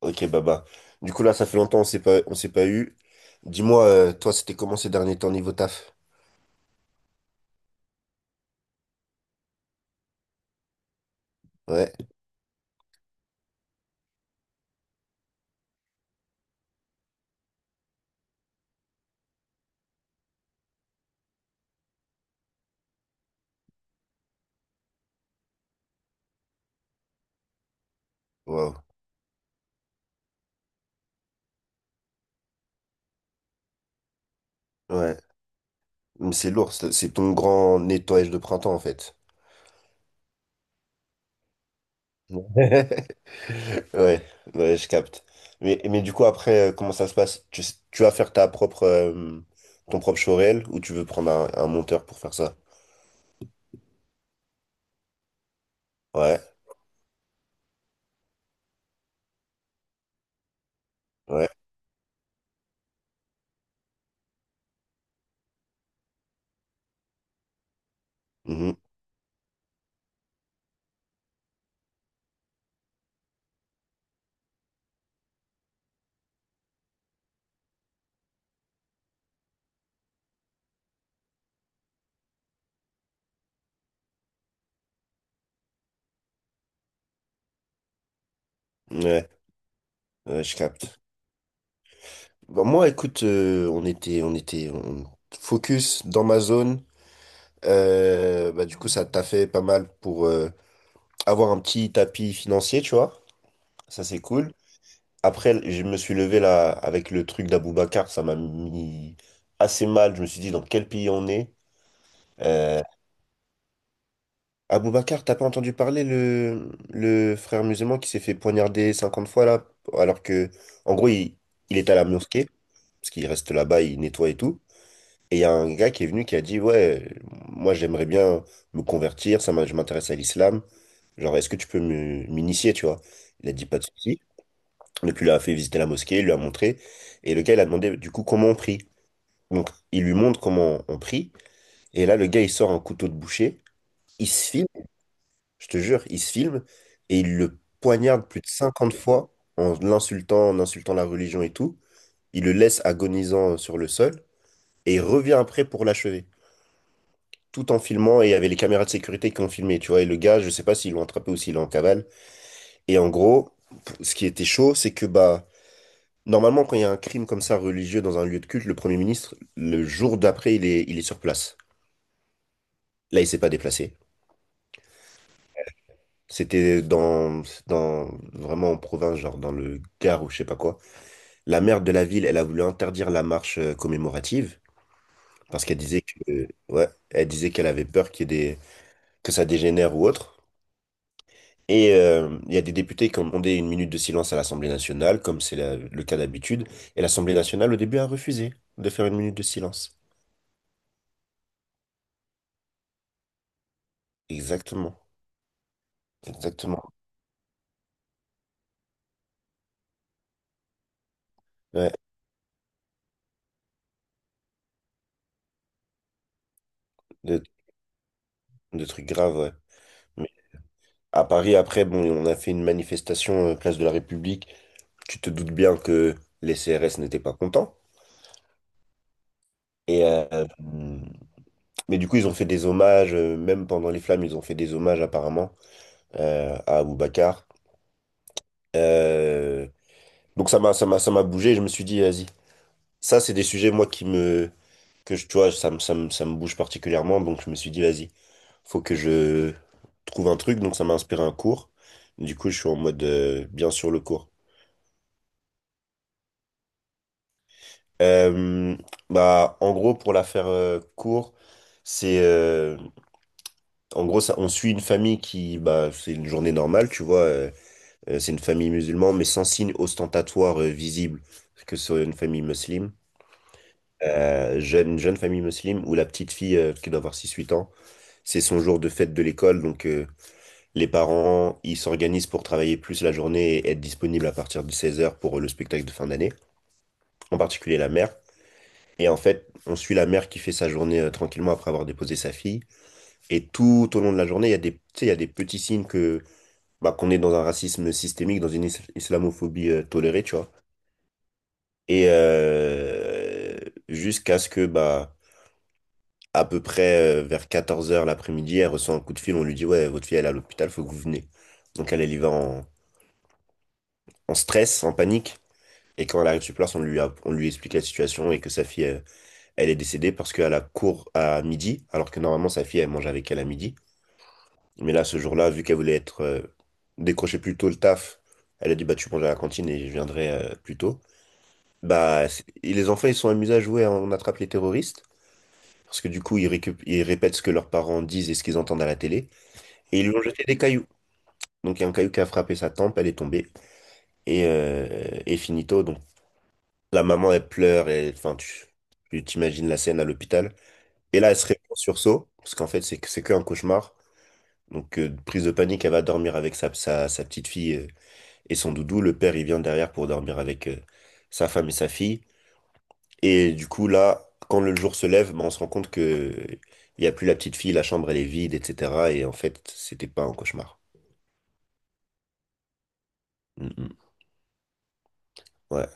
Ok, Baba. Du coup, là, ça fait longtemps, on s'est pas eu. Dis-moi, toi, c'était comment ces derniers temps niveau taf? Ouais. Wow. Ouais. Mais c'est lourd, c'est ton grand nettoyage de printemps, en fait. Ouais, ouais, je capte. Mais du coup, après, comment ça se passe? Tu vas faire ta propre, ton propre showreel ou tu veux prendre un monteur pour faire ça? Ouais, ouais, mhm, ouais, ouais, je capte. Bon, moi, écoute, on était focus dans ma zone. Bah, du coup, ça t'a fait pas mal pour avoir un petit tapis financier, tu vois. Ça, c'est cool. Après, je me suis levé là avec le truc d'Aboubacar. Ça m'a mis assez mal. Je me suis dit dans quel pays on est. Euh, Aboubacar, t'as pas entendu parler le frère musulman qui s'est fait poignarder 50 fois là? Alors que, en gros, il était à la mosquée, parce qu'il reste là-bas, il nettoie et tout. Et il y a un gars qui est venu qui a dit, ouais, moi j'aimerais bien me convertir, je m'intéresse à l'islam. Genre, est-ce que tu peux m'initier, tu vois? Il a dit pas de souci. Donc, il lui a fait visiter la mosquée, il lui a montré. Et le gars, il a demandé du coup comment on prie. Donc, il lui montre comment on prie. Et là, le gars, il sort un couteau de boucher. Il se filme, je te jure, il se filme. Et il le poignarde plus de 50 fois en l'insultant, en insultant la religion et tout. Il le laisse agonisant sur le sol. Et il revient après pour l'achever, tout en filmant, et il y avait les caméras de sécurité qui ont filmé, tu vois. Et le gars, je sais pas s'ils l'ont attrapé ou s'il est en cavale. Et en gros, ce qui était chaud, c'est que bah normalement quand il y a un crime comme ça religieux dans un lieu de culte, le Premier ministre, le jour d'après, il est sur place. Là, il s'est pas déplacé. C'était dans vraiment en province, genre dans le Gard ou je sais pas quoi. La maire de la ville, elle a voulu interdire la marche commémorative parce qu'elle disait que ouais, elle disait qu'elle avait peur qu'il y ait des que ça dégénère ou autre. Et il y a des députés qui ont demandé une minute de silence à l'Assemblée nationale, comme c'est le cas d'habitude. Et l'Assemblée nationale, au début, a refusé de faire une minute de silence. Exactement. Exactement. Ouais, de, de trucs graves, ouais. Mais à Paris, après, bon, on a fait une manifestation place de la République. Tu te doutes bien que les CRS n'étaient pas contents. Et mais du coup, ils ont fait des hommages, même pendant les flammes, ils ont fait des hommages apparemment à Aboubacar. Euh, donc ça m'a bougé. Je me suis dit, vas-y. Ça, c'est des sujets, moi, qui me, que je, tu vois, ça me bouge particulièrement. Donc, je me suis dit, vas-y, faut que je trouve un truc. Donc, ça m'a inspiré un cours. Du coup, je suis en mode, bien sur le cours. Euh, bah, en gros, pour la faire court, c'est, euh, en gros, ça, on suit une famille qui, bah, c'est une journée normale, tu vois. C'est une famille musulmane, mais sans signe ostentatoire visible que ce soit une famille musulmane, jeune famille musulmane, où la petite fille qui doit avoir six huit ans. C'est son jour de fête de l'école, donc les parents, ils s'organisent pour travailler plus la journée et être disponibles à partir de 16 heures pour le spectacle de fin d'année, en particulier la mère. Et en fait, on suit la mère qui fait sa journée tranquillement après avoir déposé sa fille. Et tout au long de la journée, il y a des petits signes que bah, qu'on est dans un racisme systémique, dans une islamophobie tolérée, tu vois. Et jusqu'à ce que bah à peu près vers 14 heures l'après-midi, elle reçoit un coup de fil, on lui dit, ouais, votre fille, elle est à l'hôpital, faut que vous venez. Donc elle y va en stress, en panique. Et quand elle arrive sur place, on lui explique la situation et que sa fille, elle est décédée parce qu'elle a cours à midi, alors que normalement sa fille, elle mange avec elle à midi. Mais là, ce jour-là, vu qu'elle voulait être décrocher plus tôt le taf, elle a dit, bah tu manges à la cantine et je viendrai plus tôt. Et les enfants, ils sont amusés à jouer à On attrape les terroristes, parce que du coup, ils ils répètent ce que leurs parents disent et ce qu'ils entendent à la télé. Et ils lui ont jeté des cailloux. Donc il y a un caillou qui a frappé sa tempe, elle est tombée. Et finito, donc la maman, elle pleure, et enfin, tu t'imagines la scène à l'hôpital. Et là, elle se réveille en sursaut, parce qu'en fait, c'est qu'un cauchemar. Donc, prise de panique, elle va dormir avec sa petite fille et son doudou. Le père, il vient derrière pour dormir avec sa femme et sa fille. Et du coup, là, quand le jour se lève, ben on se rend compte que il n'y a plus la petite fille, la chambre, elle est vide, etc. Et en fait, c'était pas un cauchmar. Mm, mm. Ouais.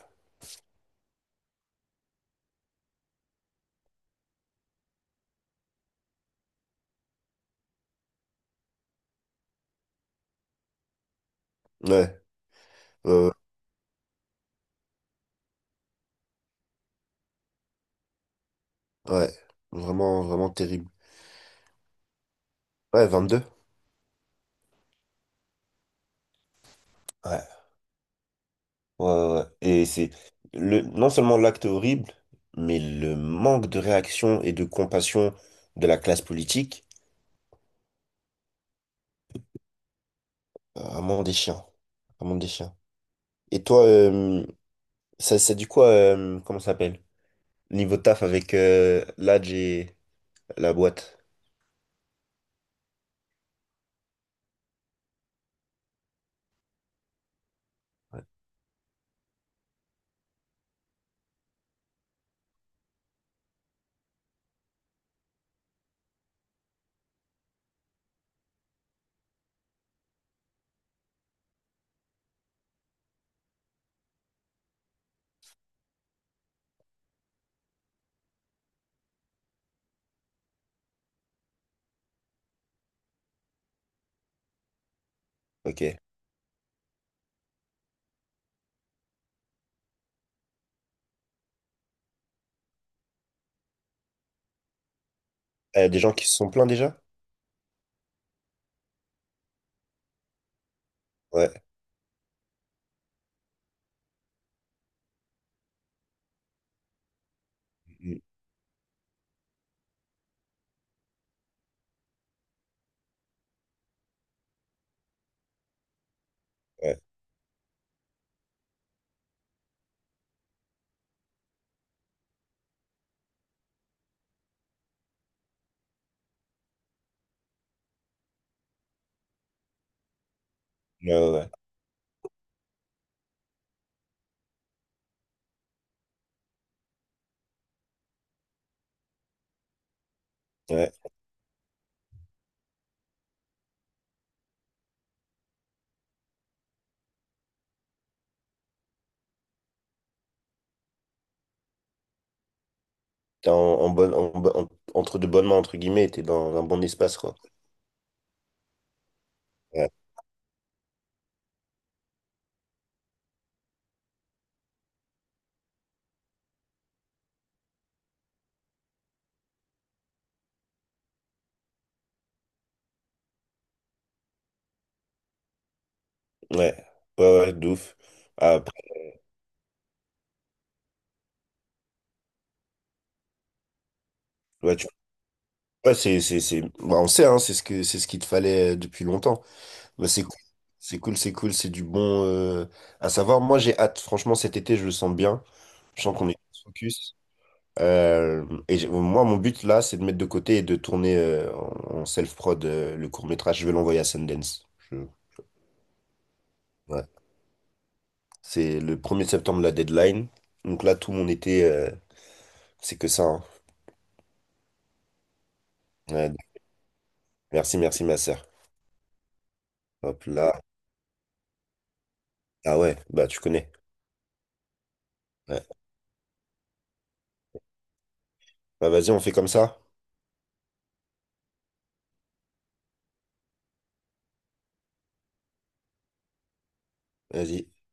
Ouais. Ouais, ouais. Ouais, vraiment, vraiment terrible. Ouais, 22. Ouais, ouais, ouais. Et c'est le, non seulement l'acte horrible, mais le manque de réaction et de compassion de la classe politique, vraiment des chiens. Vraiment des chiens. Et toi, comment ça s'appelle? Niveau taf avec l'Adj et la boîte. Ok. Des gens qui se sont plaints déjà? Ouais. Mm. Ouais. Ouais, ouais, ouais. Ouais. T'es en entre de bonnes mains, entre guillemets, t'es dans un bon espace, quoi. Ouais. Ouais, ouais, ouais, de ouf. Après, ouais, ouais, c'est... bah, on sait, hein, c'est ce qu'il te fallait depuis longtemps. Bah, c'est cool, c'est cool, c'est cool, c'est du bon à savoir. Moi, j'ai hâte. Franchement, cet été, je le sens bien. Je sens qu'on est focus. Et moi, mon but là, c'est de mettre de côté et de tourner en self-prod le court-métrage. Je vais l'envoyer à Sundance. Je- Ouais. C'est le premier septembre, la deadline. Donc là, tout mon été, c'est que ça, hein. Ouais, merci, merci, ma sœur. Hop là. Ah ouais, bah tu connais. Ouais. Bah vas-y, on fait comme ça. Vas-y.